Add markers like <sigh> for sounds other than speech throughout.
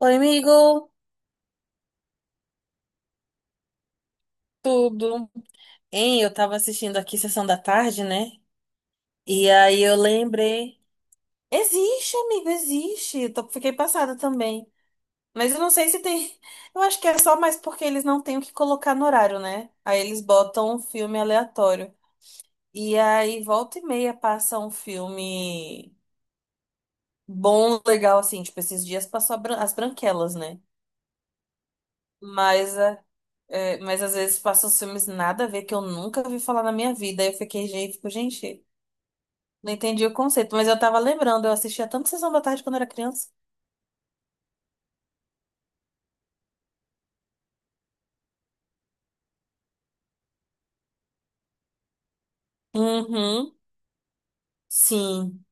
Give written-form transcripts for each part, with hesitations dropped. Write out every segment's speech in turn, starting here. Oi, amigo! Tudo. Hein, eu tava assistindo aqui Sessão da Tarde, né? E aí eu lembrei. Existe, amigo, existe. Fiquei passada também. Mas eu não sei se tem. <laughs> Eu acho que é só mais porque eles não têm o que colocar no horário, né? Aí eles botam um filme aleatório. E aí volta e meia passa um filme bom, legal, assim. Tipo, esses dias passou As Branquelas, né? Mas, mas às vezes passam os filmes nada a ver que eu nunca vi falar na minha vida. Aí eu fiquei, gente, fico, gente. Não entendi o conceito, mas eu tava lembrando, eu assistia tanto Sessão da Tarde quando era criança. Uhum, sim.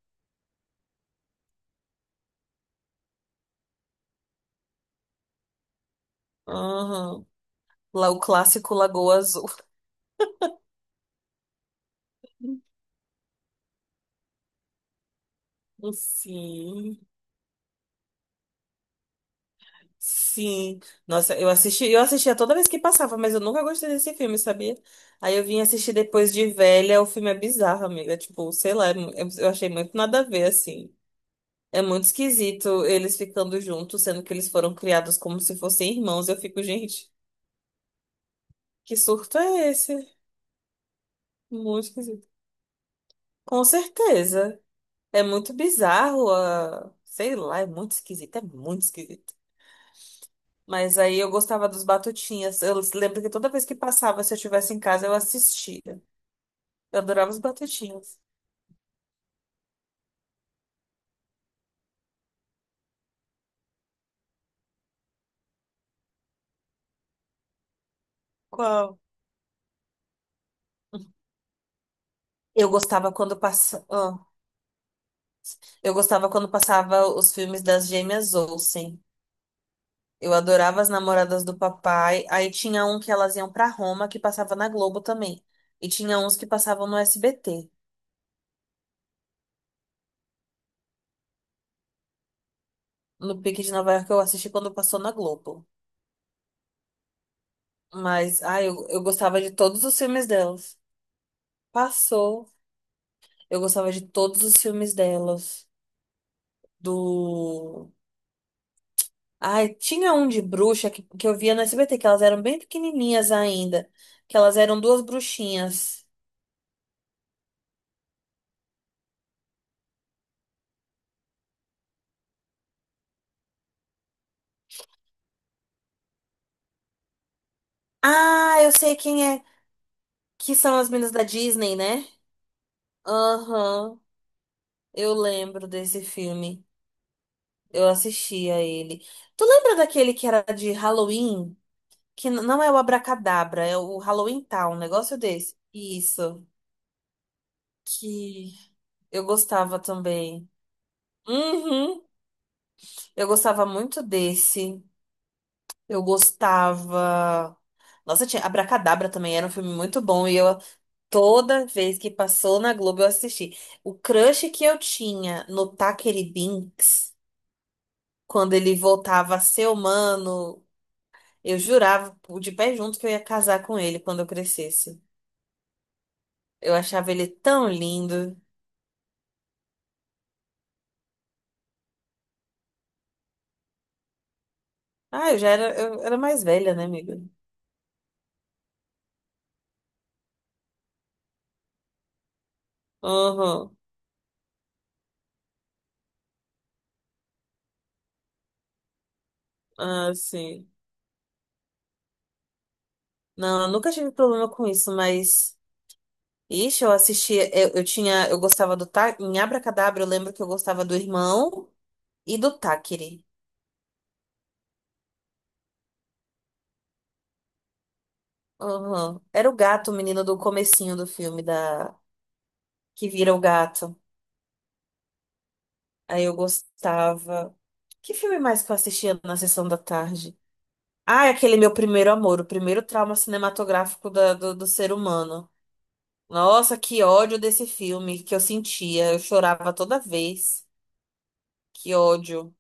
Uhum. Lá o clássico Lagoa Azul. <laughs> Sim, sim. Nossa, eu assistia toda vez que passava, mas eu nunca gostei desse filme, sabia? Aí eu vim assistir depois de velha, o filme é bizarro, amiga. Tipo, sei lá, eu achei muito nada a ver, assim. É muito esquisito eles ficando juntos, sendo que eles foram criados como se fossem irmãos. Eu fico, gente, que surto é esse? Muito esquisito. Com certeza. É muito bizarro, ah, sei lá, é muito esquisito, é muito esquisito. Mas aí eu gostava dos Batutinhas. Eu lembro que toda vez que passava, se eu estivesse em casa, eu assistia. Eu adorava os Batutinhas. Qual? Eu gostava quando passa... ah, eu gostava quando passava os filmes das gêmeas Olsen. Eu adorava as namoradas do papai. Aí tinha um que elas iam pra Roma, que passava na Globo também. E tinha uns que passavam no SBT. No Pique de Nova York eu assisti quando passou na Globo. Mas eu gostava de todos os filmes delas. Passou. Eu gostava de todos os filmes delas. Do. Ai, tinha um de bruxa que eu via no SBT, que elas eram bem pequenininhas ainda. Que elas eram duas bruxinhas. Ah, eu sei quem é. Que são as meninas da Disney, né? Aham, eu lembro desse filme. Eu assistia ele. Tu lembra daquele que era de Halloween? Que não é o Abracadabra, é o Halloween Town, um negócio desse. Isso. Que eu gostava também. Uhum. Eu gostava muito desse. Eu gostava. Nossa, tinha Abracadabra também, era um filme muito bom e eu toda vez que passou na Globo eu assisti. O crush que eu tinha no Takery Binks, quando ele voltava a ser humano, eu jurava de pé junto que eu ia casar com ele quando eu crescesse. Eu achava ele tão lindo. Ah, eu já era, eu era mais velha, né, amiga? Uhum. Ah, sim. Não, eu nunca tive problema com isso, mas. Ixi, eu assistia. Eu tinha. Eu gostava do tá Em Abracadabra, eu lembro que eu gostava do irmão e do Táquere. Aham. Era o gato, o menino do comecinho do filme, da que vira o gato. Aí eu gostava. Que filme mais que eu assistia na sessão da tarde? Ah, é aquele Meu Primeiro Amor, o primeiro trauma cinematográfico do ser humano. Nossa, que ódio desse filme que eu sentia. Eu chorava toda vez. Que ódio.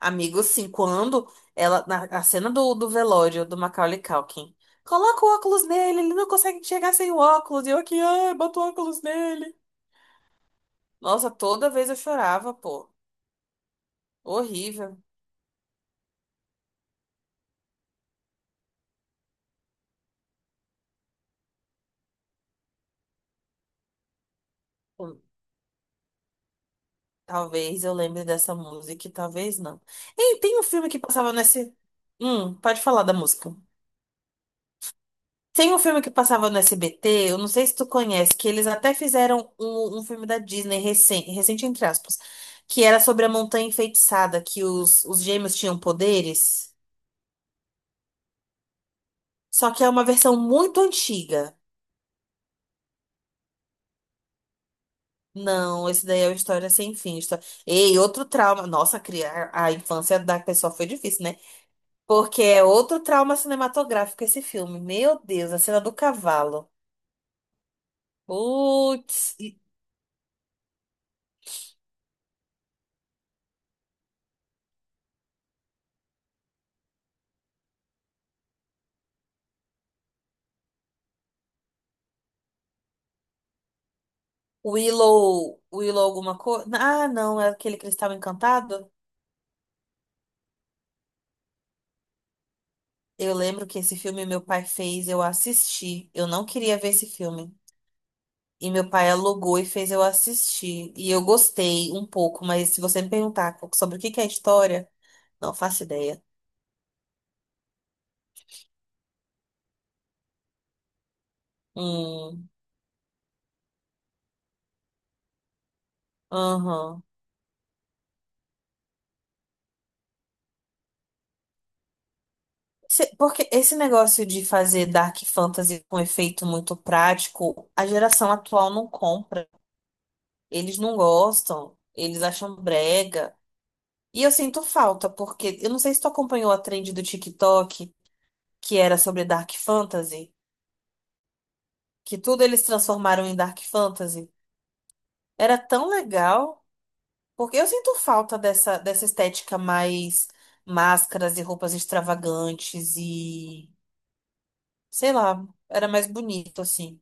Amigo, assim, quando ela, na a cena do velório do Macaulay Culkin, coloca o óculos nele, ele não consegue enxergar sem o óculos, e eu aqui, ai, bota o óculos nele. Nossa, toda vez eu chorava, pô. Horrível. Hum, Talvez eu lembre dessa música, e talvez não. Ei, tem um filme que passava nesse. Pode falar da música. Tem um filme que passava no SBT, eu não sei se tu conhece, que eles até fizeram um filme da Disney recente, recente entre aspas, que era sobre a Montanha Enfeitiçada, que os gêmeos tinham poderes, só que é uma versão muito antiga. Não, esse daí é uma história sem fim. Ei, outro trauma. Nossa, criar a infância da pessoa foi difícil, né? Porque é outro trauma cinematográfico esse filme. Meu Deus, a cena do cavalo. Putz. Willow, Willow alguma coisa? Ah, não, é aquele Cristal Encantado? Eu lembro que esse filme meu pai fez, eu assisti. Eu não queria ver esse filme. E meu pai alugou e fez eu assistir. E eu gostei um pouco, mas se você me perguntar sobre o que é a história, não faço ideia. Hum, aham. Porque esse negócio de fazer dark fantasy com efeito muito prático, a geração atual não compra. Eles não gostam, eles acham brega. E eu sinto falta, porque eu não sei se tu acompanhou a trend do TikTok, que era sobre Dark Fantasy, que tudo eles transformaram em Dark Fantasy. Era tão legal, porque eu sinto falta dessa estética mais máscaras e roupas extravagantes e, sei lá, era mais bonito assim,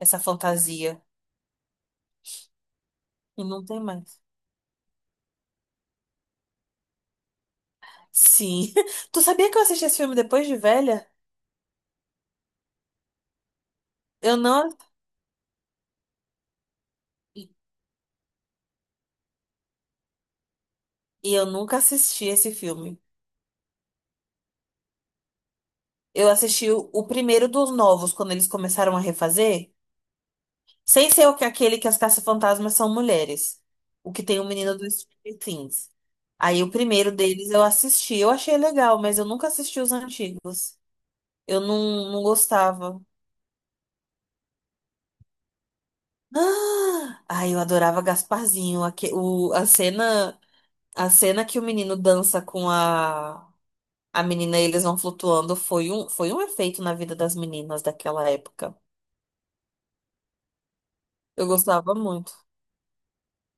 essa fantasia. E não tem mais. Sim. <laughs> Tu sabia que eu assisti esse filme depois de velha? Eu não. E eu nunca assisti esse filme. Eu assisti o primeiro dos novos, quando eles começaram a refazer. Sem ser o que aquele que as caça-fantasmas são mulheres. O que tem o menino do Stranger Things. Aí o primeiro deles eu assisti. Eu achei legal, mas eu nunca assisti os antigos. Eu não, não gostava. <gasps> Ah! Ai, eu adorava Gasparzinho. A cena que o menino dança com a menina e eles vão flutuando foi foi um efeito na vida das meninas daquela época. Eu gostava muito.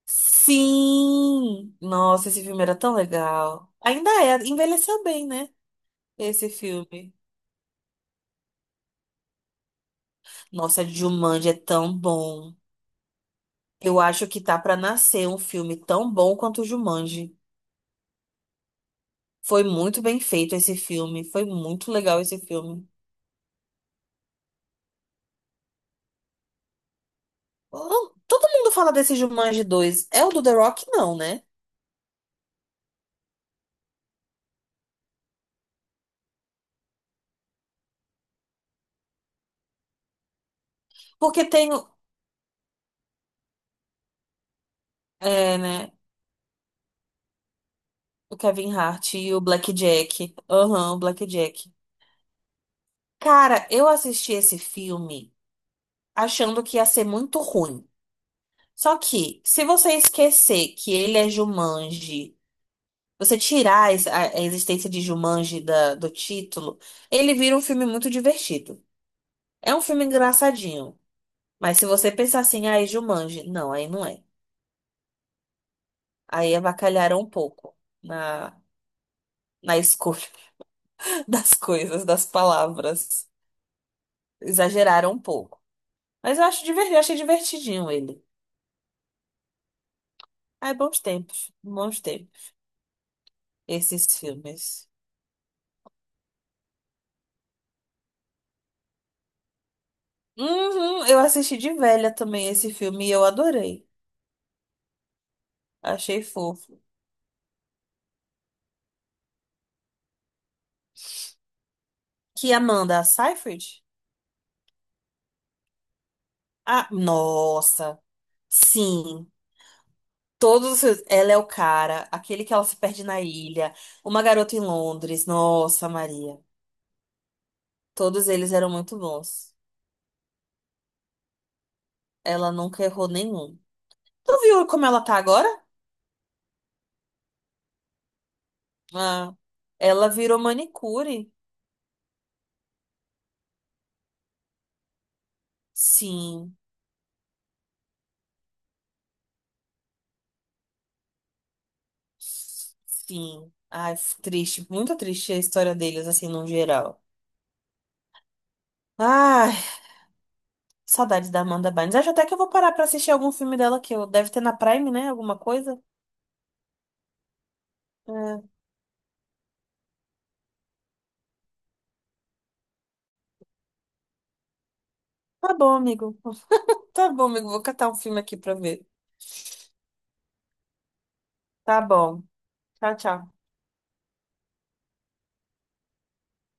Sim! Nossa, esse filme era tão legal. Ainda é, envelheceu bem, né? Esse filme. Nossa, Jumanji é tão bom. Eu acho que tá pra nascer um filme tão bom quanto o Jumanji. Foi muito bem feito esse filme. Foi muito legal esse filme. Oh, todo mundo fala desse Jumanji dois. É o do The Rock? Não, né? Porque tem é, né, o Kevin Hart e o Black Jack. Aham, o Black Jack. Cara, eu assisti esse filme, achando que ia ser muito ruim. Só que, se você esquecer que ele é Jumanji, você tirar a existência de Jumanji do título, ele vira um filme muito divertido. É um filme engraçadinho. Mas se você pensar assim, ah, é Jumanji, não, aí não é. Aí avacalharam um pouco na, na escolha <laughs> das coisas, das palavras. Exageraram um pouco. Mas eu acho divertido, eu achei divertidinho ele. Ai, bons tempos, esses filmes. Uhum, eu assisti de velha também esse filme e eu adorei. Achei fofo. Que Amanda Seyfried? Ah, nossa. Sim. Todos, ela é o cara, aquele que ela se perde na ilha, Uma Garota em Londres. Nossa, Maria. Todos eles eram muito bons. Ela nunca errou nenhum. Tu viu como ela tá agora? Ah, ela virou manicure. Sim. Sim. Ai, triste, muito triste a história deles assim no geral. Ah, saudades da Amanda Bynes. Acho até que eu vou parar pra assistir algum filme dela que eu deve ter na Prime, né? Alguma coisa. É. Tá bom, amigo. Tá bom, amigo. Vou catar um filme aqui pra ver. Tá bom. Tchau, tchau.